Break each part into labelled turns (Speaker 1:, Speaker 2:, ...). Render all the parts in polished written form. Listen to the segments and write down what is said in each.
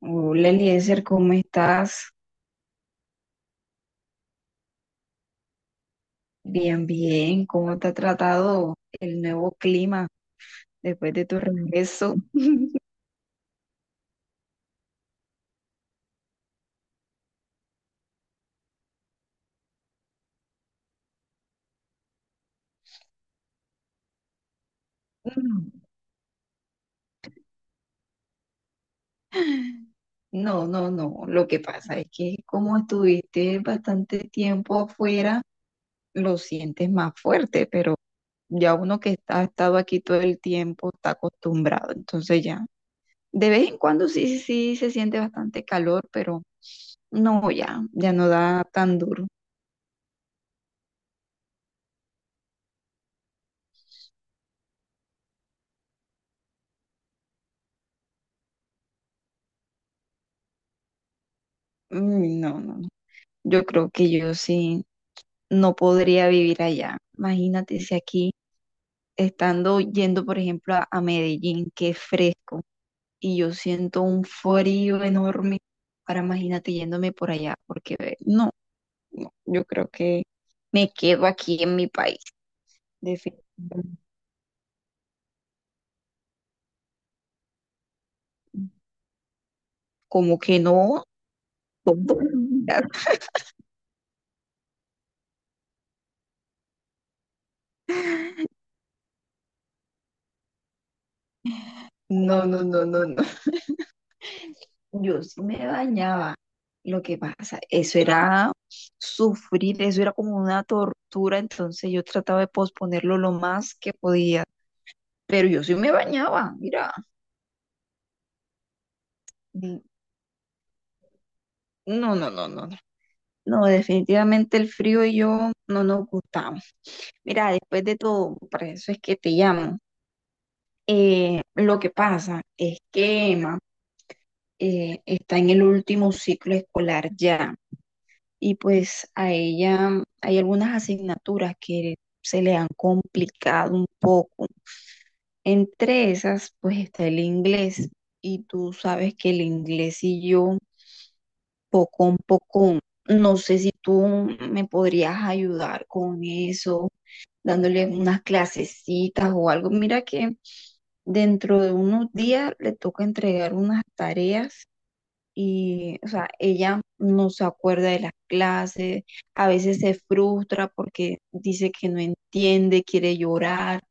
Speaker 1: Hola Eliezer, ¿cómo estás? Bien, bien. ¿Cómo te ha tratado el nuevo clima después de tu regreso? No, no, no. Lo que pasa es que como estuviste bastante tiempo afuera, lo sientes más fuerte, pero ya uno que ha estado aquí todo el tiempo está acostumbrado. Entonces ya, de vez en cuando sí, sí, sí se siente bastante calor, pero no, ya, ya no da tan duro. Mm, no, no, no. Yo creo que yo sí, no podría vivir allá. Imagínate si aquí, estando yendo, por ejemplo, a Medellín, que es fresco, y yo siento un frío enorme. Ahora imagínate yéndome por allá, porque no, no, yo creo que me quedo aquí en mi país, definitivamente. Como que no. No, no, no, no, no. Yo sí me bañaba. Lo que pasa, eso era sufrir, eso era como una tortura, entonces yo trataba de posponerlo lo más que podía, pero yo sí me bañaba, mira, mm, no, no, no, no, no, no, definitivamente el frío y yo no nos gustamos. Mira, después de todo, para eso es que te llamo. Lo que pasa es que Emma está en el último ciclo escolar ya. Y pues a ella hay algunas asignaturas que se le han complicado un poco. Entre esas, pues está el inglés, y tú sabes que el inglés y yo, poco a poco, no sé si tú me podrías ayudar con eso, dándole unas clasecitas o algo. Mira que dentro de unos días le toca entregar unas tareas y, o sea, ella no se acuerda de las clases, a veces se frustra porque dice que no entiende, quiere llorar.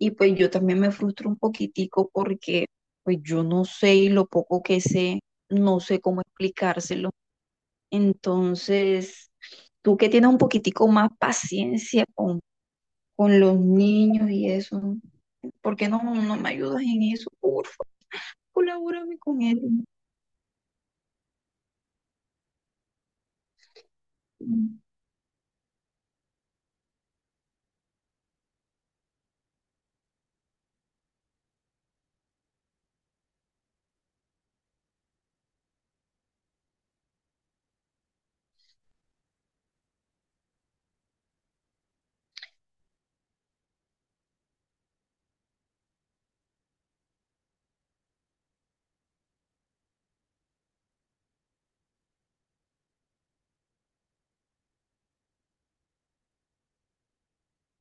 Speaker 1: Y pues yo también me frustro un poquitico porque pues yo no sé, y lo poco que sé, no sé cómo explicárselo. Entonces, tú que tienes un poquitico más paciencia con los niños y eso, ¿por qué no me ayudas en eso? Por favor, colabórame con él.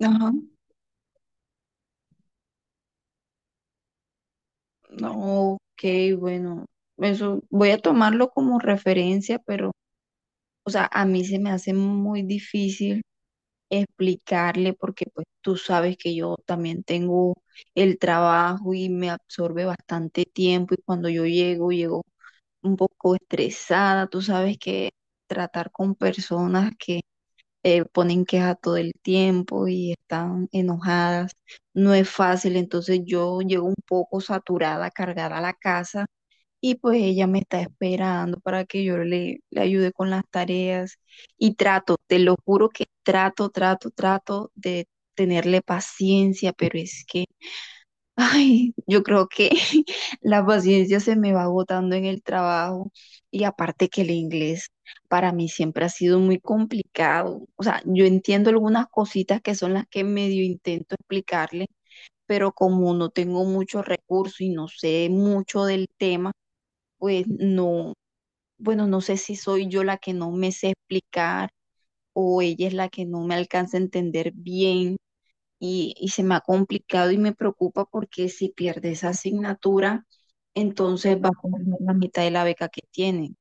Speaker 1: Ajá. No, ok, bueno, eso voy a tomarlo como referencia, pero, o sea, a mí se me hace muy difícil explicarle porque pues tú sabes que yo también tengo el trabajo y me absorbe bastante tiempo, y cuando yo llego un poco estresada, tú sabes que tratar con personas que ponen queja todo el tiempo y están enojadas no es fácil, entonces yo llego un poco saturada, cargada a la casa, y pues ella me está esperando para que yo le ayude con las tareas. Y trato, te lo juro que trato, trato, trato de tenerle paciencia, pero es que ay, yo creo que la paciencia se me va agotando en el trabajo. Y aparte que el inglés para mí siempre ha sido muy complicado. O sea, yo entiendo algunas cositas que son las que medio intento explicarle, pero como no tengo mucho recurso y no sé mucho del tema, pues no, bueno, no sé si soy yo la que no me sé explicar o ella es la que no me alcanza a entender bien, y se me ha complicado y me preocupa porque si pierde esa asignatura, entonces va a perder la mitad de la beca que tiene.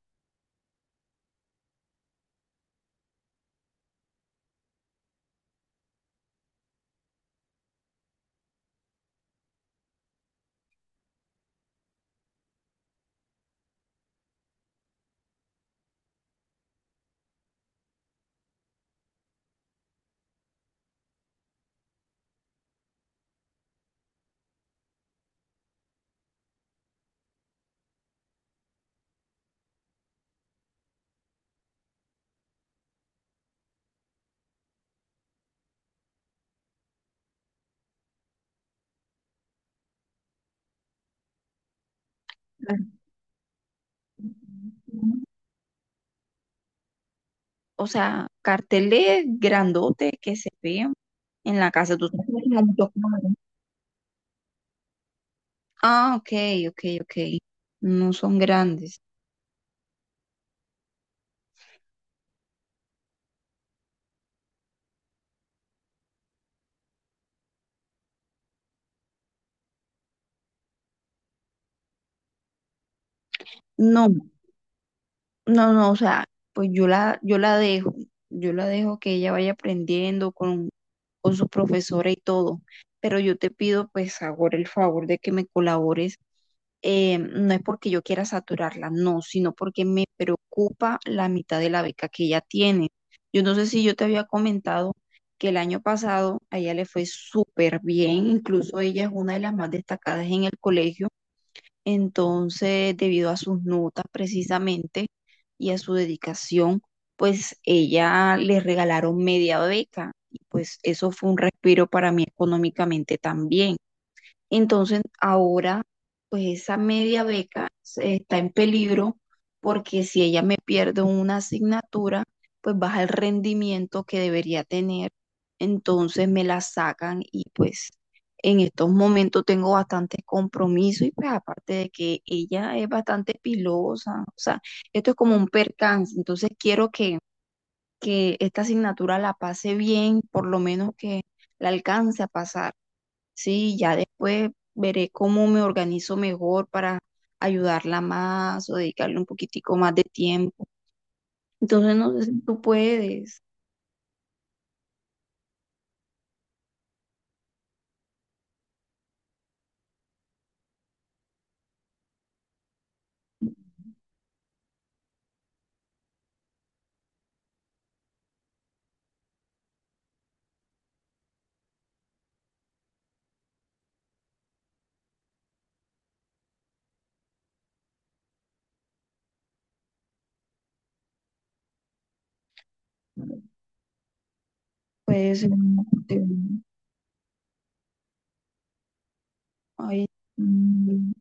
Speaker 1: La- O sea, carteles grandotes que se vean en la casa. Tú sabes que hay muchos colores. Ah, ok, ok, ok. No son grandes. No. No, no, o sea, pues yo la, yo la dejo que ella vaya aprendiendo con su profesora y todo, pero yo te pido pues ahora el favor de que me colabores, no es porque yo quiera saturarla, no, sino porque me preocupa la mitad de la beca que ella tiene. Yo no sé si yo te había comentado que el año pasado a ella le fue súper bien, incluso ella es una de las más destacadas en el colegio. Entonces, debido a sus notas precisamente y a su dedicación, pues ella le regalaron media beca y pues eso fue un respiro para mí económicamente también. Entonces, ahora, pues esa media beca está en peligro porque si ella me pierde una asignatura, pues baja el rendimiento que debería tener. Entonces me la sacan, y pues en estos momentos tengo bastantes compromisos y pues aparte de que ella es bastante pilosa, o sea, esto es como un percance. Entonces quiero que esta asignatura la pase bien, por lo menos que la alcance a pasar. Sí, ya después veré cómo me organizo mejor para ayudarla más o dedicarle un poquitico más de tiempo. Entonces, no sé si tú puedes. Puedes. Ay, mm,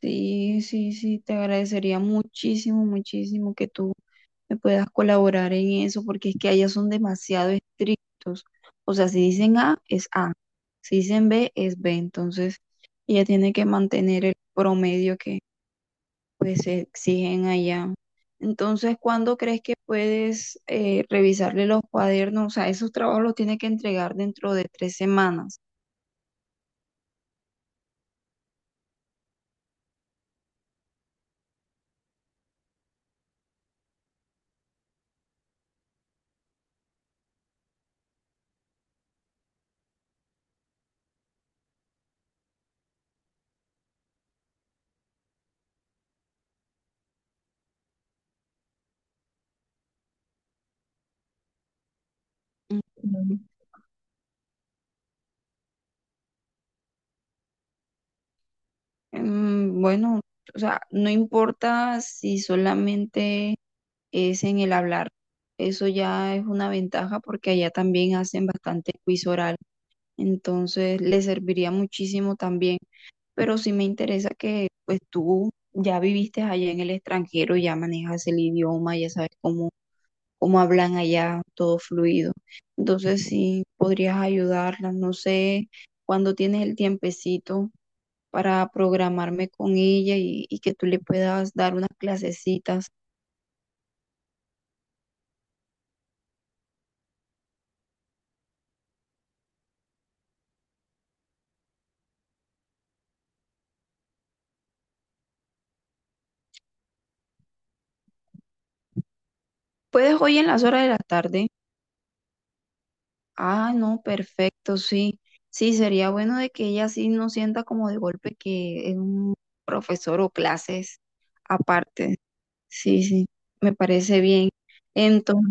Speaker 1: sí, sí, sí, te agradecería muchísimo, muchísimo que tú me puedas colaborar en eso, porque es que allá son demasiado estrictos. O sea, si dicen A, es A. Si dicen B, es B. Entonces, ella tiene que mantener el promedio pues se exigen allá. Entonces, ¿cuándo crees que puedes revisarle los cuadernos? O sea, esos trabajos los tiene que entregar dentro de 3 semanas. Mm. Mm, bueno, o sea, no importa si solamente es en el hablar. Eso ya es una ventaja porque allá también hacen bastante quiz oral. Entonces, le serviría muchísimo también. Pero sí me interesa que pues tú ya viviste allá en el extranjero, ya manejas el idioma, ya sabes cómo cómo hablan allá, todo fluido. Entonces, si podrías ayudarla, no sé cuándo tienes el tiempecito para programarme con ella, y que tú le puedas dar unas clasecitas. ¿Puedes hoy en las horas de la tarde? Ah, no, perfecto, sí. Sí, sería bueno de que ella sí no sienta como de golpe que es un profesor o clases aparte. Sí, sí, me parece bien. Entonces,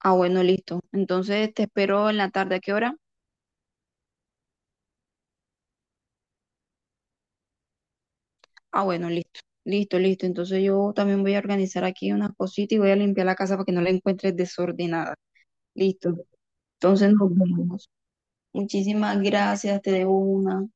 Speaker 1: ah, bueno, listo. Entonces te espero en la tarde, ¿a qué hora? Ah, bueno, listo, listo, listo. Entonces yo también voy a organizar aquí unas cositas y voy a limpiar la casa para que no la encuentres desordenada. Listo. Entonces nos vemos. Muchísimas gracias, te debo una.